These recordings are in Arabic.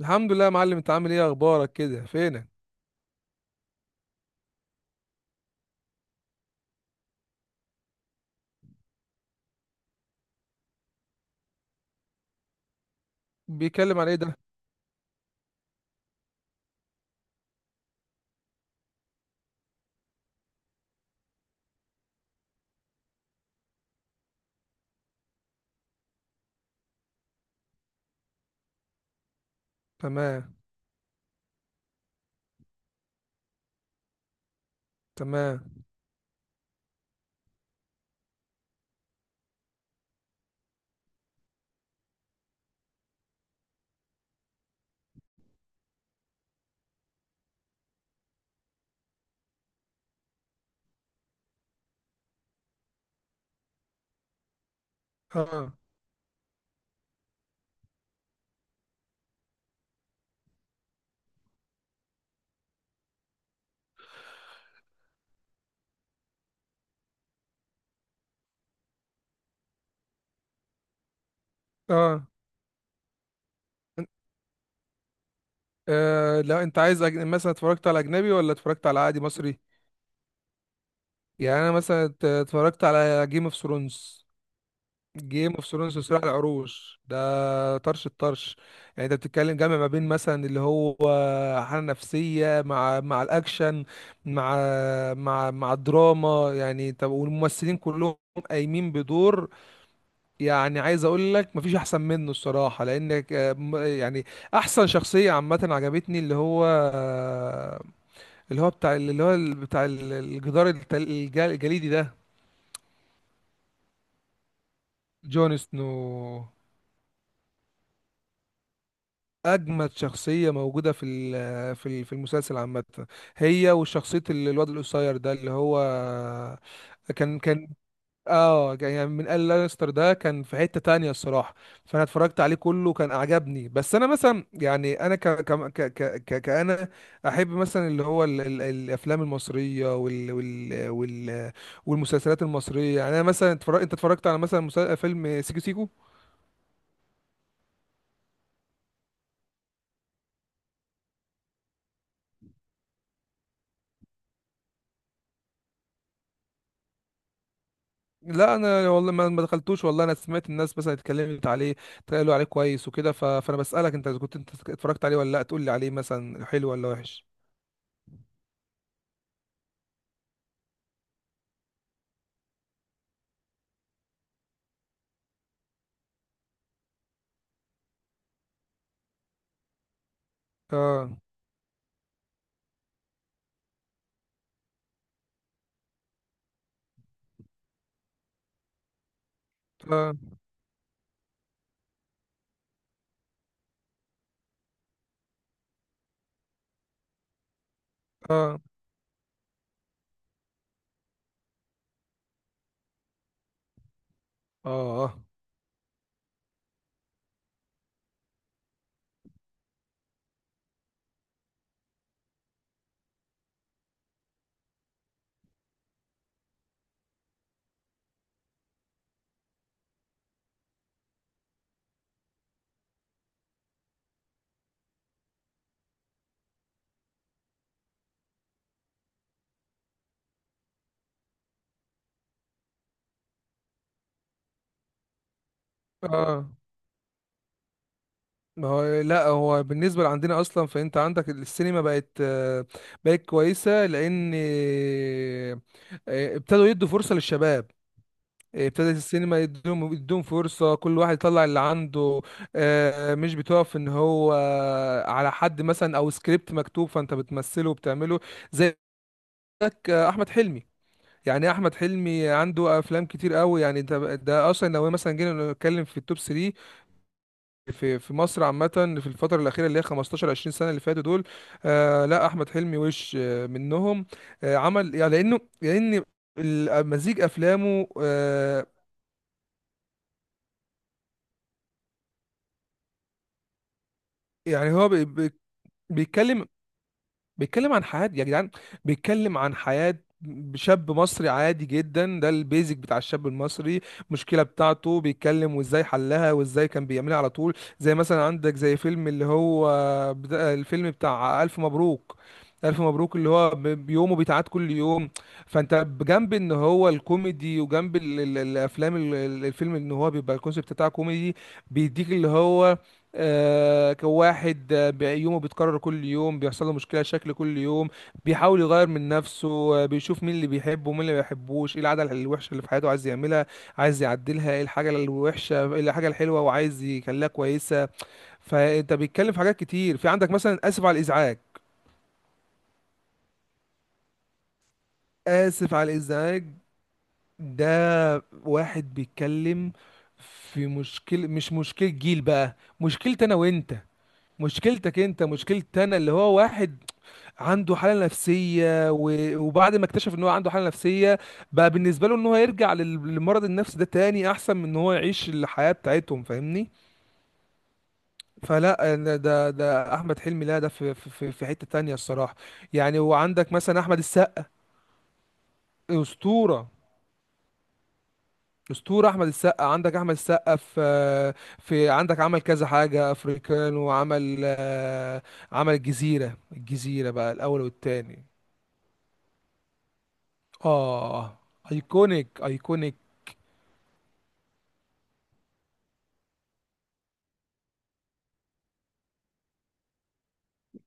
الحمد لله يا معلم، انت عامل ايه؟ اخبارك كده؟ فينك؟ بيتكلم عن ايه ده؟ تمام. تمام. اه. اه. لا انت عايز مثلا اتفرجت على اجنبي ولا اتفرجت على عادي مصري؟ يعني انا مثلا اتفرجت على جيم اوف ثرونز. جيم اوف ثرونز وصراع العروش ده طرش الطرش. يعني انت بتتكلم جامع ما بين مثلا اللي هو حالة نفسية مع الاكشن، مع مع الدراما. يعني طب والممثلين كلهم قايمين بدور، يعني عايز اقول لك مفيش احسن منه الصراحه، لانك يعني احسن شخصيه عامه عجبتني اللي هو آه، اللي هو بتاع اللي هو بتاع الجدار الجليدي ده. جون سنو. اجمد شخصيه موجوده في في في المسلسل عامه، هي وشخصيه الواد القصير ده اللي هو. كان اه، يعني من قال لانستر ده كان في حتة تانية الصراحة. فانا اتفرجت عليه كله كان عجبني، بس انا مثلا يعني انا كأنا احب مثلا اللي هو ال الافلام المصرية وال والمسلسلات المصرية. يعني انا مثلا اتفرج، انت اتفرجت على مثلا فيلم سيكو سيكو؟ لا انا والله ما دخلتوش، والله انا سمعت الناس مثلا اتكلمت عليه، قالوا عليه كويس وكده فانا بسألك انت إذا كنت انت اتفرجت عليه ولا لا، تقول لي عليه مثلا حلو ولا وحش. اه. اه. اه. اه. اه. ما هو لا، هو بالنسبه لعندنا اصلا، فانت عندك السينما بقت بقت كويسه، لان ابتدوا يدوا فرصه للشباب. ابتدت السينما يدوم فرصه كل واحد يطلع اللي عنده. مش بتقف ان هو على حد مثلا او سكريبت مكتوب، فانت بتمثله وبتعمله. زي عندك، احمد حلمي، يعني إيه احمد حلمي، عنده افلام كتير قوي. يعني ده اصلا لو مثلا جينا نتكلم في التوب 3 في في مصر عامة، في الفترة الأخيرة اللي هي 15 20 سنة اللي فاتوا دول، لا أحمد حلمي وش منهم. عمل يعني، لأن مزيج أفلامه يعني هو بيتكلم، بيتكلم عن حياة يا جدعان. بيتكلم عن حياة شاب مصري عادي جدا، ده البيزك بتاع الشاب المصري. المشكلة بتاعته بيتكلم وازاي حلها وازاي كان بيعملها على طول. زي مثلا عندك زي فيلم اللي هو الفيلم بتاع ألف مبروك. ألف مبروك اللي هو بيومه بيتعاد كل يوم. فأنت بجنب إن هو الكوميدي وجنب الأفلام الفيلم، إن هو بيبقى الكونسيبت بتاعه كوميدي، بيديك اللي هو كواحد يومه بيتكرر كل يوم، بيحصل له مشكلة شكل كل يوم، بيحاول يغير من نفسه. بيشوف مين اللي بيحبه ومين اللي ما بيحبوش، ايه العادة الوحشة اللي في حياته عايز يعملها، عايز يعدلها، ايه الحاجة الوحشة، ايه الحاجة الحلوة وعايز يخليها كويسة. فانت بيتكلم في حاجات كتير. في عندك مثلا اسف على الازعاج. اسف على الازعاج ده واحد بيتكلم في مشكلة، مش مشكلة جيل بقى، مشكلة انا وانت. مشكلتك انت مشكلتي انا، اللي هو واحد عنده حالة نفسية، وبعد ما اكتشف ان هو عنده حالة نفسية، بقى بالنسبة له ان هو يرجع للمرض النفسي ده تاني احسن من ان هو يعيش الحياة بتاعتهم، فاهمني. فلا أنا ده احمد حلمي، لا ده في حتة تانية الصراحة. يعني وعندك مثلا احمد السقا، اسطورة. اسطورة احمد السقا. عندك احمد السقا في، في عندك عمل كذا حاجة افريكان، وعمل عمل الجزيرة، الجزيرة بقى الاول والتاني. اه. ايكونيك. ايكونيك.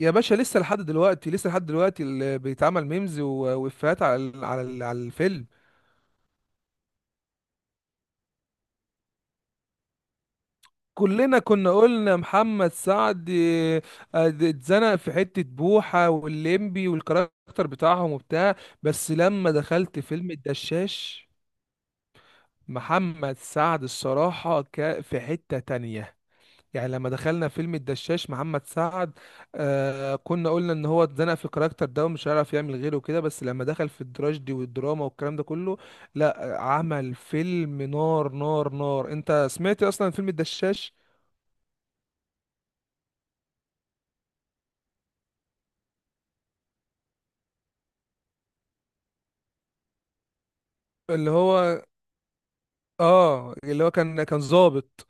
يا باشا لسه لحد دلوقتي، لسه لحد دلوقتي اللي بيتعمل ميمز وإفيهات على على الفيلم. كلنا كنا قلنا محمد سعد اتزنق في حتة بوحة والليمبي والكاركتر بتاعهم وبتاع، بس لما دخلت فيلم الدشاش، محمد سعد الصراحة في حتة تانية. يعني لما دخلنا فيلم الدشاش محمد سعد، كنا قلنا ان هو اتزنق في الكاركتر ده ومش هيعرف يعمل غيره كده، بس لما دخل في التراجيدي والدراما والكلام ده كله، لا عمل فيلم نار نار نار. انت سمعت اصلا فيلم الدشاش؟ اللي هو اه اللي هو كان ظابط.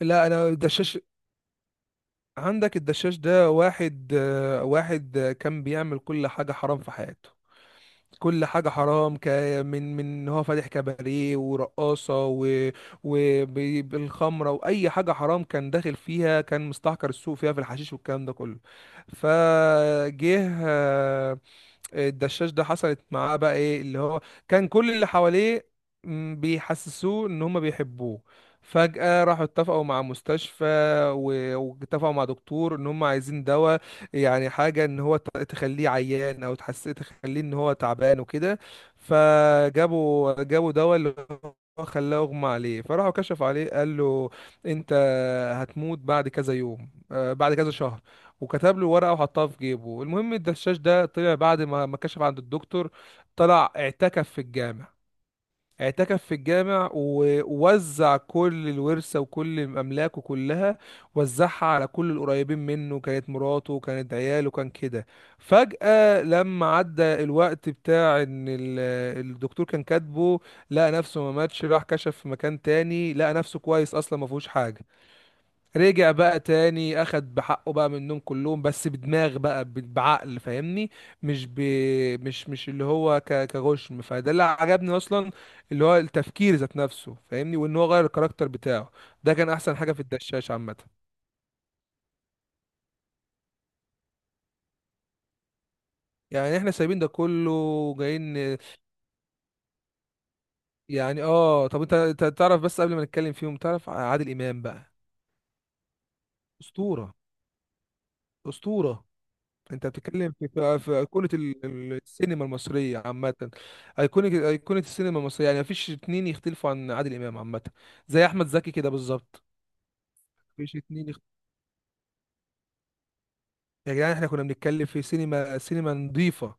لا انا الدشاش، عندك الدشاش ده واحد كان بيعمل كل حاجة حرام في حياته. كل حاجة حرام من إن هو فاتح كباريه ورقاصة وبالخمرة، وأي حاجة حرام كان داخل فيها، كان مستحكر السوق فيها في الحشيش والكلام ده كله. فجه الدشاش ده، حصلت معاه بقى ايه اللي هو، كان كل اللي حواليه بيحسسوه ان هم بيحبوه. فجأة راحوا اتفقوا مع مستشفى، واتفقوا مع دكتور ان هم عايزين دواء، يعني حاجة ان هو تخليه عيان، او تحس تخليه ان هو تعبان وكده. فجابوا دواء اللي هو خلاه اغمى عليه، فراحوا كشفوا عليه، قال له انت هتموت بعد كذا يوم، بعد كذا شهر. وكتب له ورقه وحطها في جيبه. المهم الدشاش ده طلع بعد ما كشف عند الدكتور، طلع اعتكف في الجامع. اعتكف في الجامع ووزع كل الورثة وكل أملاكه كلها، وزعها على كل القريبين منه، كانت مراته كانت عياله كان كده. فجأة لما عدى الوقت بتاع إن الدكتور كان كاتبه، لقى نفسه ما ماتش، راح كشف في مكان تاني لقى نفسه كويس، أصلا ما فيهوش حاجة. رجع بقى تاني اخد بحقه بقى منهم كلهم، بس بدماغ بقى بعقل، فاهمني؟ مش ب... مش اللي هو كغشم. فده اللي عجبني اصلا، اللي هو التفكير ذات نفسه، فاهمني، وان هو غير الكاركتر بتاعه. ده كان احسن حاجة في الدشاش عامة. يعني احنا سايبين ده كله وجايين، يعني اه. طب انت، أنت تعرف بس قبل ما نتكلم فيهم، تعرف عادل امام بقى، اسطورة. اسطورة. انت بتتكلم في ايقونه السينما المصريه عامه. ايقونه، ايقونه السينما المصريه، يعني مفيش اتنين يختلفوا عن عادل امام عامه. زي احمد زكي كده بالظبط. مفيش اتنين يخت... يا جدعان احنا كنا بنتكلم في سينما نظيفه.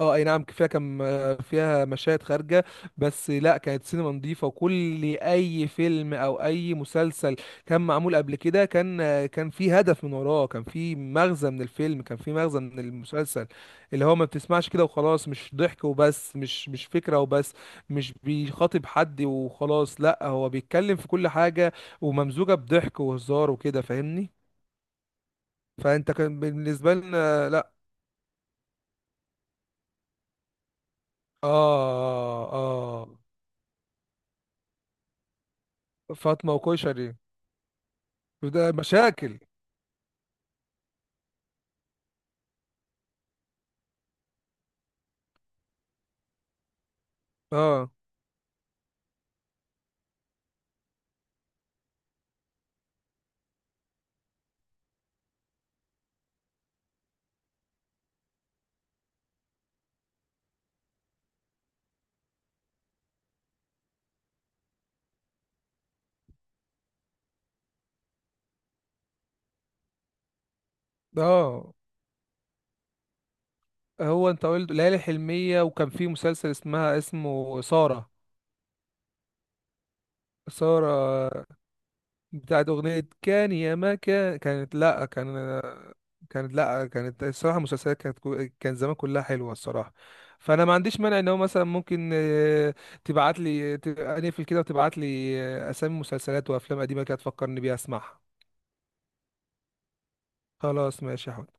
اه اي نعم فيها كم، فيها مشاهد خارجة، بس لا كانت سينما نظيفة، وكل اي فيلم او اي مسلسل كان معمول قبل كده كان في هدف من وراه، كان في مغزى من الفيلم، كان في مغزى من المسلسل، اللي هو ما بتسمعش كده وخلاص، مش ضحك وبس، مش فكرة وبس، مش بيخاطب حد وخلاص، لا هو بيتكلم في كل حاجة وممزوجة بضحك وهزار وكده، فاهمني؟ فانت كان بالنسبة لنا لا. اه. اه. فاطمة وكشري. ده مشاكل. اه. اه. هو انت قلت ليالي حلمية، وكان في مسلسل اسمها اسمه سارة. سارة بتاعت أغنية كان يا ما كان، كانت لأ كان، كانت لأ كانت، الصراحة المسلسلات كانت كان زمان كلها حلوة الصراحة. فأنا ما عنديش مانع إن هو مثلا ممكن تبعت لي أقفل كده، وتبعت لي أسامي مسلسلات وأفلام قديمة كده تفكرني بيها أسمعها. خلاص ماشي يا حوت.